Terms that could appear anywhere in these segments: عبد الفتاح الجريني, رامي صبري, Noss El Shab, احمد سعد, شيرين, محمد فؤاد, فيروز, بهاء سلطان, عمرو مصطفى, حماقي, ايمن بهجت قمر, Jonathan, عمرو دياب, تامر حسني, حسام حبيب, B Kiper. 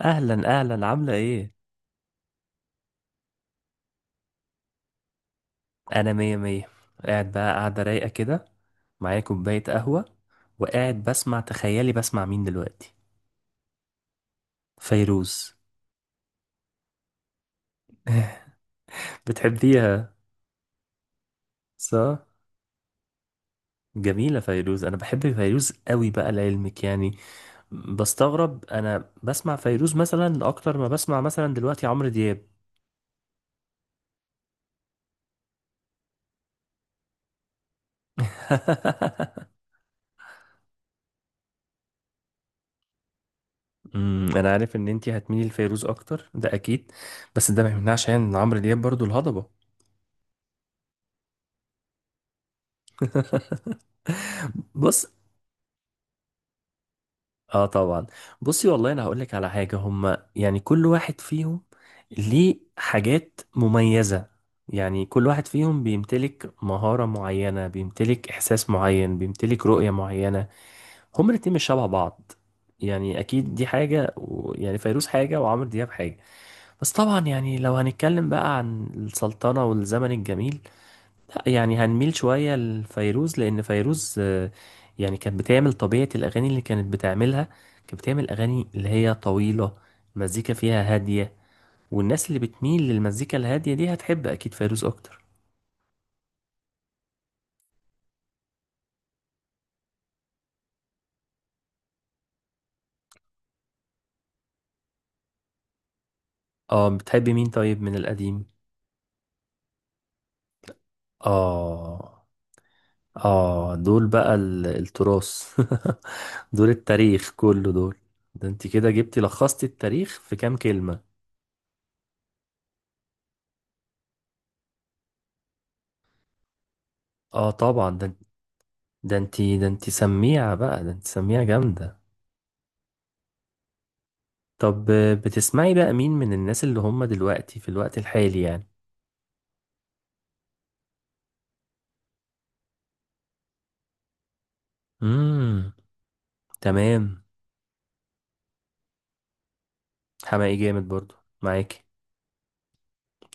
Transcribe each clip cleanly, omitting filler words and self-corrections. اهلا اهلا، عامله ايه؟ انا مية مية. قاعد بقى، قاعده رايقه كده، معايا كوبايه قهوه. وقاعد بسمع، تخيلي بسمع مين دلوقتي؟ فيروز. بتحبيها؟ صح؟ جميله فيروز. انا بحب فيروز قوي بقى لعلمك يعني. بستغرب انا بسمع فيروز مثلا اكتر ما بسمع مثلا دلوقتي عمرو دياب. انا عارف ان انتي هتميلي لفيروز اكتر، ده اكيد. بس ده ما يمنعش يعني ان عمرو دياب برضو الهضبه. بص. اه طبعا. بصي والله، انا هقول لك على حاجه. هما يعني كل واحد فيهم ليه حاجات مميزه. يعني كل واحد فيهم بيمتلك مهاره معينه، بيمتلك احساس معين، بيمتلك رؤيه معينه. هما الاتنين مش شبه بعض. يعني اكيد دي حاجه يعني فيروز حاجه وعمرو دياب حاجه. بس طبعا يعني لو هنتكلم بقى عن السلطنه والزمن الجميل، لا يعني هنميل شوية لفيروز، لأن فيروز يعني كانت بتعمل طبيعة الأغاني اللي كانت بتعملها. كانت بتعمل أغاني اللي هي طويلة، مزيكا فيها هادية. والناس اللي بتميل للمزيكا الهادية دي هتحب أكيد فيروز أكتر. اه، بتحب مين طيب من القديم؟ اه، اه دول بقى التراث. دول التاريخ كله دول. ده انت كده جبتي، لخصتي التاريخ في كام كلمة. اه طبعا. ده انت سميعة بقى، ده انت سميعة جامدة. طب، بتسمعي بقى مين من الناس اللي هم دلوقتي في الوقت الحالي يعني؟ امم. تمام. حماقي جامد برضو. معاكي؟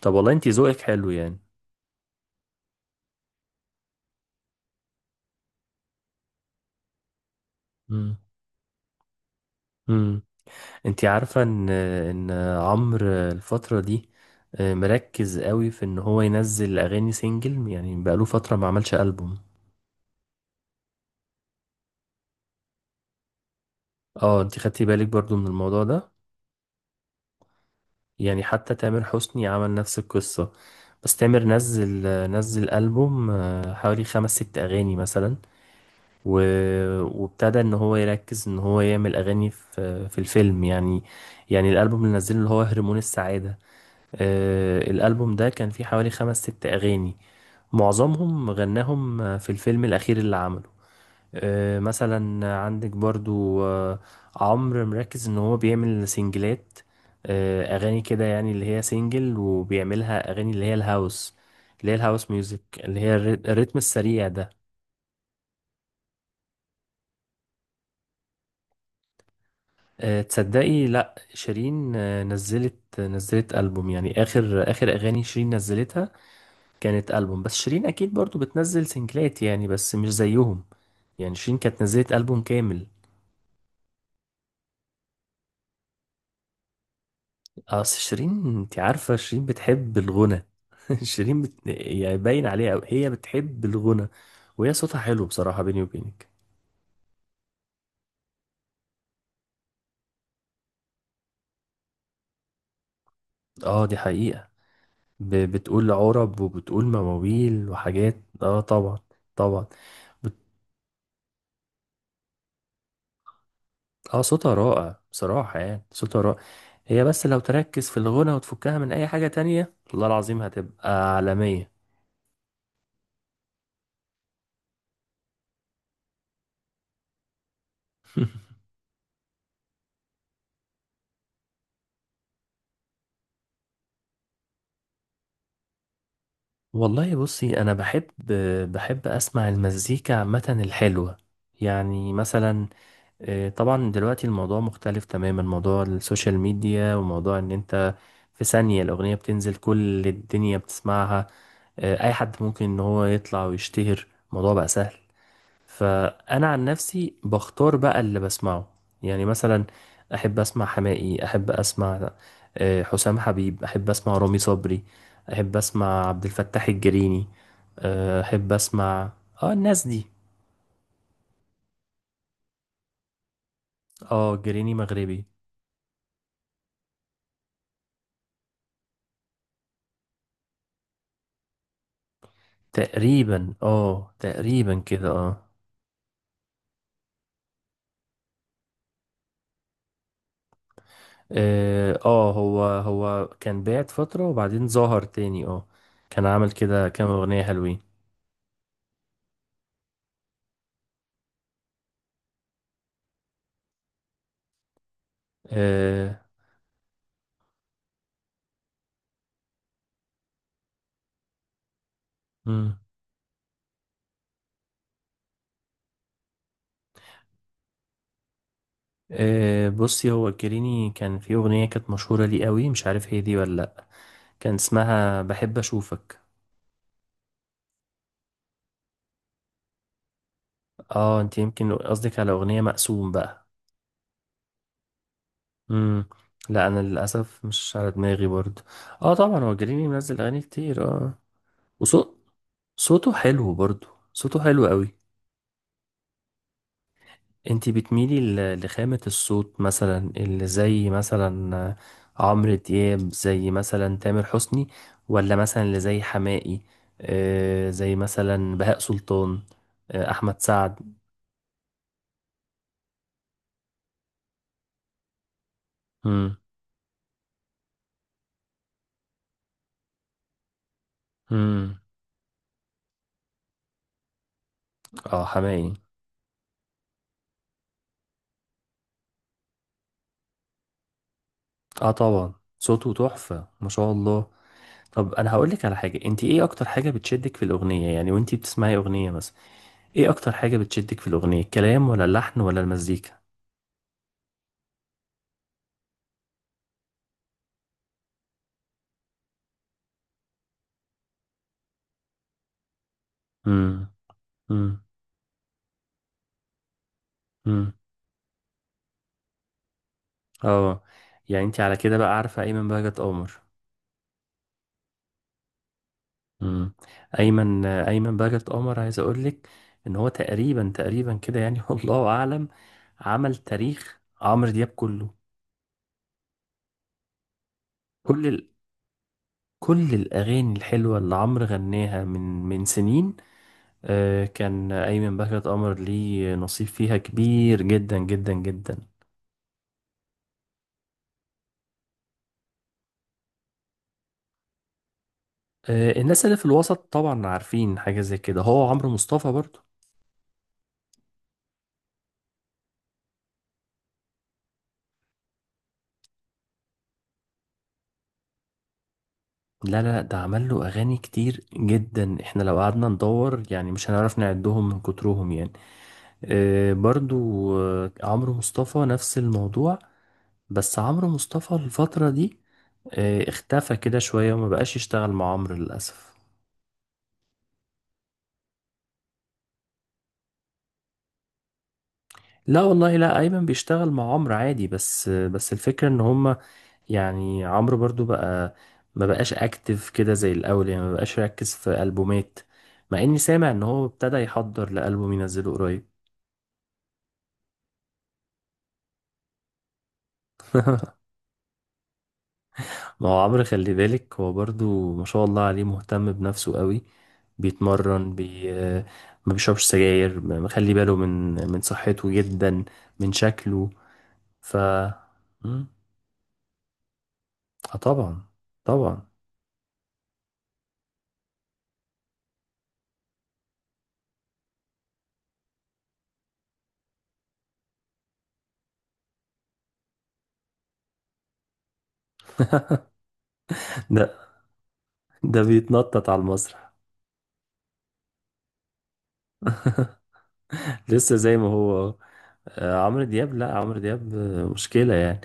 طب والله انتي ذوقك حلو يعني. امم. امم. انتي عارفة ان عمرو الفترة دي مركز قوي في ان هو ينزل اغاني سينجل، يعني بقاله فترة ما عملش ألبوم. اه، انتي خدتي بالك برضو من الموضوع ده. يعني حتى تامر حسني عمل نفس القصة. بس تامر نزل، ألبوم حوالي خمس ست أغاني مثلا. و... وابتدى ان هو يركز، ان هو يعمل اغاني في الفيلم يعني. يعني الالبوم اللي نزله اللي هو هرمون السعادة، آه الالبوم ده كان فيه حوالي خمس ست اغاني. معظمهم غناهم في الفيلم الاخير اللي عمله. آه مثلا عندك برضو آه، عمرو مركز ان هو بيعمل سنجلات. آه اغاني كده يعني اللي هي سنجل، وبيعملها اغاني اللي هي الهاوس، اللي هي الهاوس ميوزك، اللي هي الريتم السريع ده. تصدقي لا، شيرين نزلت، ألبوم يعني. آخر آخر أغاني شيرين نزلتها كانت ألبوم. بس شيرين أكيد برضو بتنزل سنجلات يعني، بس مش زيهم. يعني شيرين كانت نزلت ألبوم كامل. أصل شيرين، أنت عارفة شيرين بتحب الغنى. شيرين يعني باين عليها أوي، هي بتحب الغنى. وهي صوتها حلو بصراحة، بيني وبينك. اه دي حقيقة. بتقول عرب وبتقول مواويل وحاجات، اه طبعا. طبعا. اه صوتها رائع بصراحة، يعني صوتها رائع. هي بس لو تركز في الغنى وتفكها من اي حاجة تانية، والله العظيم هتبقى عالمية. والله بصي، انا بحب، بحب اسمع المزيكا عامة الحلوة. يعني مثلا طبعا دلوقتي الموضوع مختلف تماما، موضوع السوشيال ميديا، وموضوع ان انت في ثانية الاغنية بتنزل كل الدنيا بتسمعها. اي حد ممكن ان هو يطلع ويشتهر، الموضوع بقى سهل. فانا عن نفسي بختار بقى اللي بسمعه، يعني مثلا احب اسمع حماقي، احب اسمع حسام حبيب، احب اسمع رامي صبري، احب اسمع عبد الفتاح الجريني. احب اسمع، اه الناس دي. اه، جريني مغربي. تقريبا اه، تقريبا كده اه. اه هو كان بعد فترة وبعدين ظهر تاني اه. كان عامل كده كام اغنية حلوين. اه أه بصي، هو كريني كان في أغنية كانت مشهورة ليه قوي، مش عارف هي دي ولا لأ. كان اسمها بحب أشوفك. اه، انت يمكن قصدك على أغنية مقسوم بقى. مم. لا أنا للأسف مش على دماغي برضه. اه طبعا هو كريني منزل أغاني كتير اه. وصوت صوته حلو برضه، صوته حلو قوي. انتي بتميلي لخامة الصوت، مثلا اللي زي مثلا عمرو دياب، زي مثلا تامر حسني، ولا مثلا اللي زي حماقي، آه زي مثلا بهاء سلطان، آه احمد سعد. مم. مم. اه حماقي. اه طبعا، صوته تحفة ما شاء الله. طب انا هقولك على حاجة، انتي ايه اكتر حاجة بتشدك في الاغنية يعني وانتي بتسمعي اغنية مثلا؟ ايه اكتر حاجة بتشدك في الاغنية؟ الكلام ولا اللحن ولا المزيكا؟ مم. مم. مم. اه، يعني انت على كده بقى عارفة ايمن بهجت قمر. امم. ايمن بهجت قمر، عايز اقول لك ان هو تقريبا، كده يعني، والله اعلم عمل تاريخ عمرو دياب كله. كل ال... كل الاغاني الحلوة اللي عمرو غناها من سنين آه، كان ايمن بهجت قمر ليه نصيب فيها كبير جدا جدا جدا. آه، الناس اللي في الوسط طبعا عارفين حاجة زي كده. هو عمرو مصطفى برضه. لا لا لا، ده عمل له اغاني كتير جدا، احنا لو قعدنا ندور يعني مش هنعرف نعدهم من كترهم يعني. آه برضو، آه عمرو مصطفى نفس الموضوع. بس عمرو مصطفى الفترة دي آه اختفى كده شوية وما بقاش يشتغل مع عمرو للأسف. لا والله، لا ايمن بيشتغل مع عمرو عادي، بس آه، بس الفكرة ان هما يعني، عمرو برضو بقى ما بقاش اكتف كده زي الاول، يعني ما بقاش يركز في ألبومات. مع اني سامع ان هو ابتدى يحضر لألبوم ينزله قريب. ما هو عمرو خلي بالك، هو برضو ما شاء الله عليه مهتم بنفسه قوي. بيتمرن، ما بيشربش سجاير، مخلي باله من صحته جدا، من شكله. ف مم. اه طبعا. طبعا. ده بيتنطط على المسرح. لسه زي ما هو. عمرو دياب، لا عمرو دياب مشكلة يعني.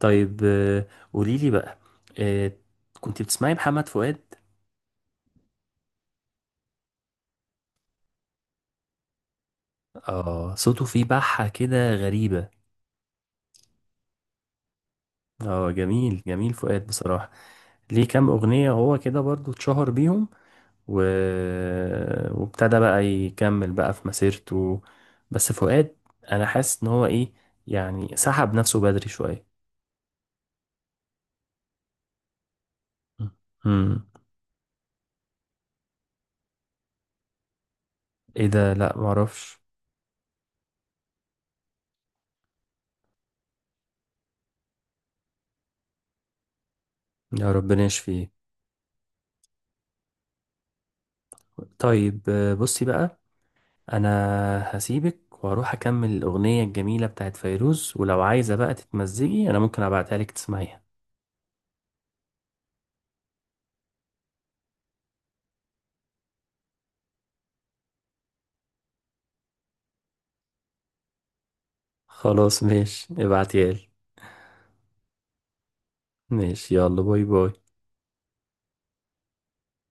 طيب آه، قولي لي بقى آه، كنت بتسمعي محمد فؤاد؟ اه صوته فيه بحة كده غريبة. اه جميل، جميل فؤاد بصراحة. ليه كام أغنية هو كده برضو اتشهر بيهم، و... وابتدى بقى يكمل بقى في مسيرته. بس فؤاد، أنا حاسس إن هو إيه، يعني سحب نفسه بدري شوية. امم. إيه ده؟ لأ، معرفش. يا ربنا يشفيه. طيب بصي بقى. أنا هسيبك وهروح أكمل الأغنية الجميلة بتاعت فيروز، ولو عايزة بقى تتمزجي أنا ممكن أبعتها لك تسمعيها. خلاص ماشي، ابعتيها لي. ماشي، يلا باي باي.